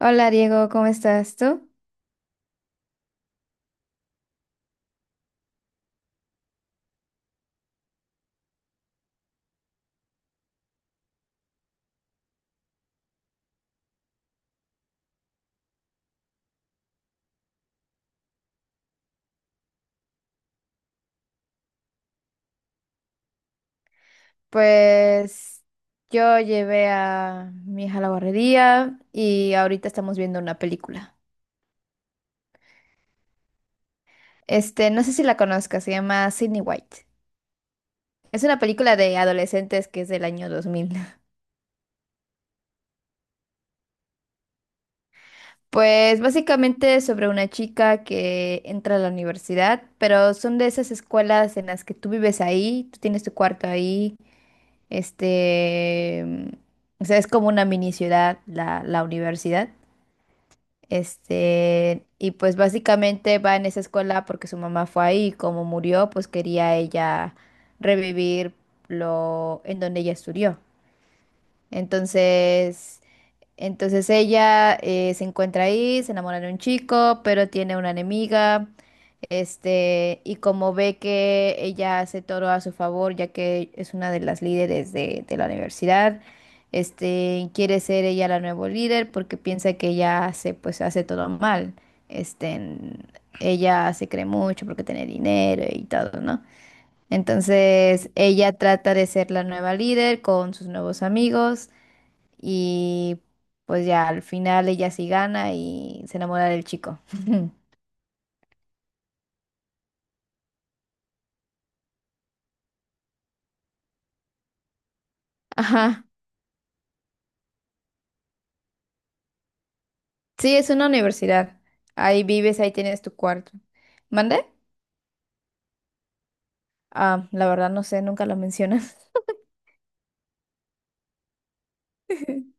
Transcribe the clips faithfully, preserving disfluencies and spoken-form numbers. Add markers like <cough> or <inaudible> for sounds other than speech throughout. Hola Diego, ¿cómo estás tú? Pues yo llevé a mi hija a la barrería y ahorita estamos viendo una película. Este, no sé si la conozcas, se llama Sydney White. Es una película de adolescentes que es del año dos mil. <laughs> Pues básicamente es sobre una chica que entra a la universidad, pero son de esas escuelas en las que tú vives ahí, tú tienes tu cuarto ahí, este, o sea, es como una mini ciudad, la la universidad. Este, y pues básicamente va en esa escuela porque su mamá fue ahí, y como murió, pues quería ella revivir lo en donde ella estudió. Entonces, entonces ella eh, se encuentra ahí, se enamora de un chico, pero tiene una enemiga. Este, y como ve que ella hace todo a su favor, ya que es una de las líderes de, de la universidad, este, quiere ser ella la nueva líder porque piensa que ella hace, pues, hace todo mal. Este, Ella se cree mucho porque tiene dinero y todo, ¿no? Entonces ella trata de ser la nueva líder con sus nuevos amigos y pues ya al final ella sí gana y se enamora del chico. <laughs> Ajá. Sí, es una universidad. Ahí vives, ahí tienes tu cuarto. ¿Mande? Ah, la verdad no sé, nunca lo mencionas. <laughs>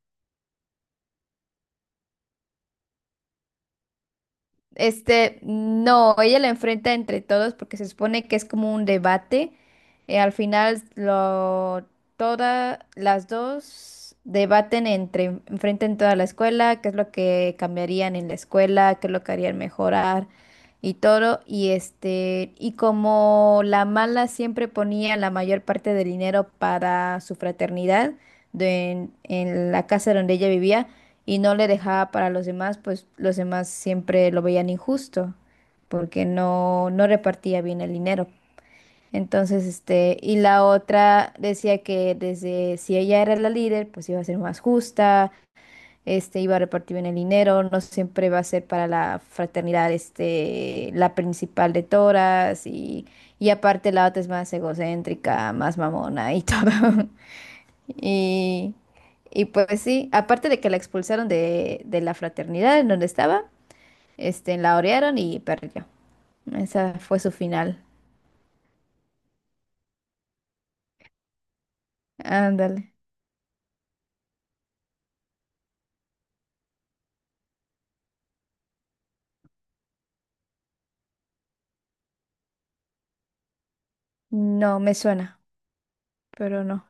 Este, no, ella la enfrenta entre todos porque se supone que es como un debate. Eh, al final, lo, todas las dos debaten entre, enfrentan toda la escuela, qué es lo que cambiarían en la escuela, qué es lo que harían mejorar y todo. Y este, y como la mala siempre ponía la mayor parte del dinero para su fraternidad de- en en la casa donde ella vivía y no le dejaba para los demás, pues los demás siempre lo veían injusto porque no, no repartía bien el dinero. Entonces, este, y la otra decía que desde si ella era la líder, pues iba a ser más justa, este, iba a repartir bien el dinero, no siempre va a ser para la fraternidad, este, la principal de todas y, y aparte la otra es más egocéntrica, más mamona y todo. <laughs> Y, y pues sí, aparte de que la expulsaron de, de la fraternidad en donde estaba, este, la orearon y perdió. Esa fue su final. Ándale. No, me suena, pero no.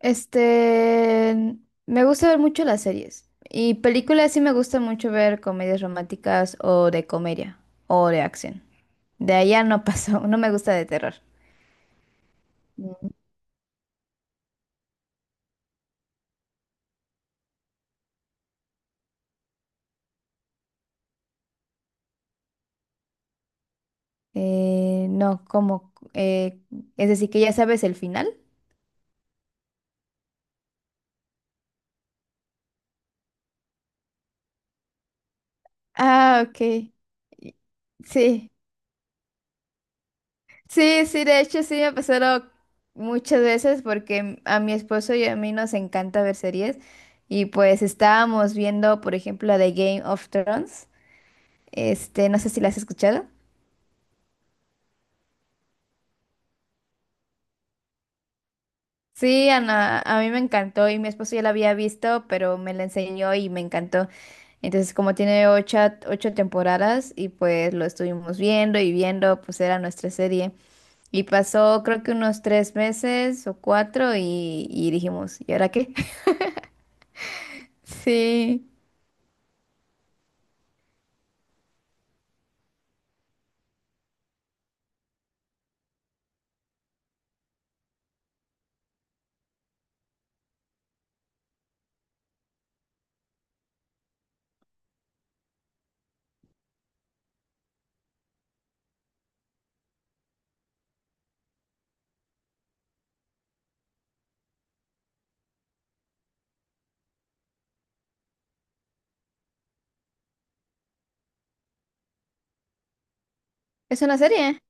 Este, Me gusta ver mucho las series. Y películas sí me gusta mucho ver comedias románticas o de comedia o de acción. De allá no pasó, <laughs> no me gusta de terror. Mm. Eh, no, como, eh, Es decir, que ya sabes el final. Ah, ok. Y- Sí, sí, sí, de hecho sí me ha pasado muchas veces porque a mi esposo y a mí nos encanta ver series y pues estábamos viendo, por ejemplo, la de Game of Thrones. Este, no sé si la has escuchado. Sí, Ana, a mí me encantó y mi esposo ya la había visto, pero me la enseñó y me encantó. Entonces, como tiene ocho, ocho temporadas y pues lo estuvimos viendo y viendo, pues era nuestra serie. Y pasó creo que unos tres meses o cuatro y, y dijimos, ¿y ahora qué? <laughs> Sí, es una serie.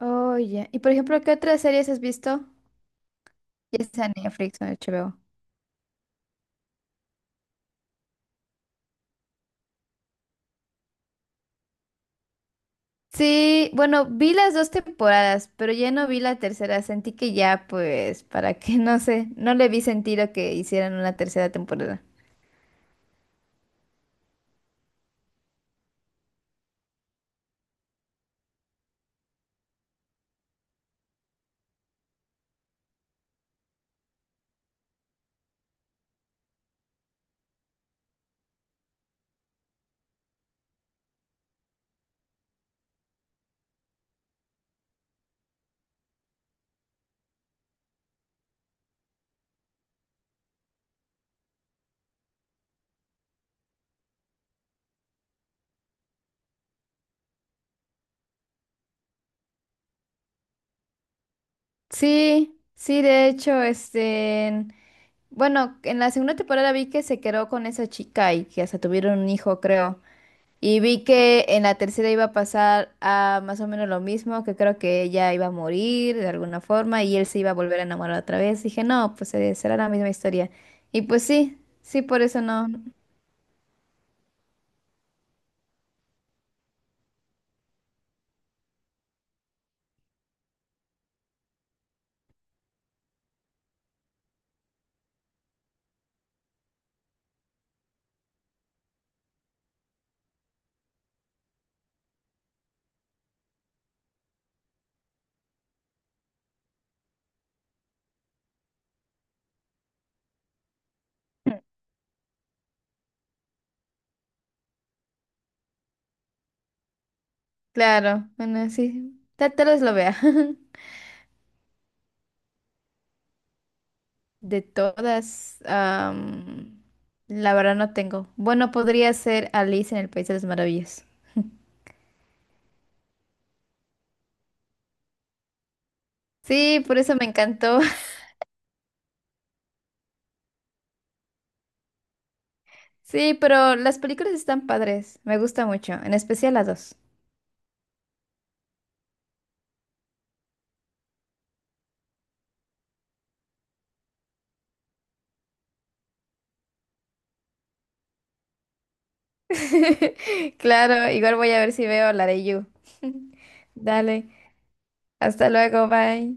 Oh, ya. Y por ejemplo, ¿qué otras series has visto? Ya sea en Netflix o en H B O. Sí, bueno, vi las dos temporadas, pero ya no vi la tercera. Sentí que ya, pues, para qué, <laughs> no sé, no le vi sentido que hicieran una tercera temporada. Sí, sí, de hecho, este, en- bueno, en la segunda temporada vi que se quedó con esa chica y que hasta tuvieron un hijo, creo. Y vi que en la tercera iba a pasar a más o menos lo mismo, que creo que ella iba a morir de alguna forma y él se iba a volver a enamorar otra vez. Dije, no, pues eh, será la misma historia. Y pues sí, sí, por eso no. Claro, bueno, sí, ta- tal vez lo vea. <laughs> De todas, am, la verdad no tengo. Bueno, podría ser Alice en el País de las Maravillas. Sí, por eso me encantó. <laughs> Sí, pero las películas están padres. Me gusta mucho, en especial las dos. <laughs> Claro, igual voy a ver si veo la de You. Dale, hasta luego, bye.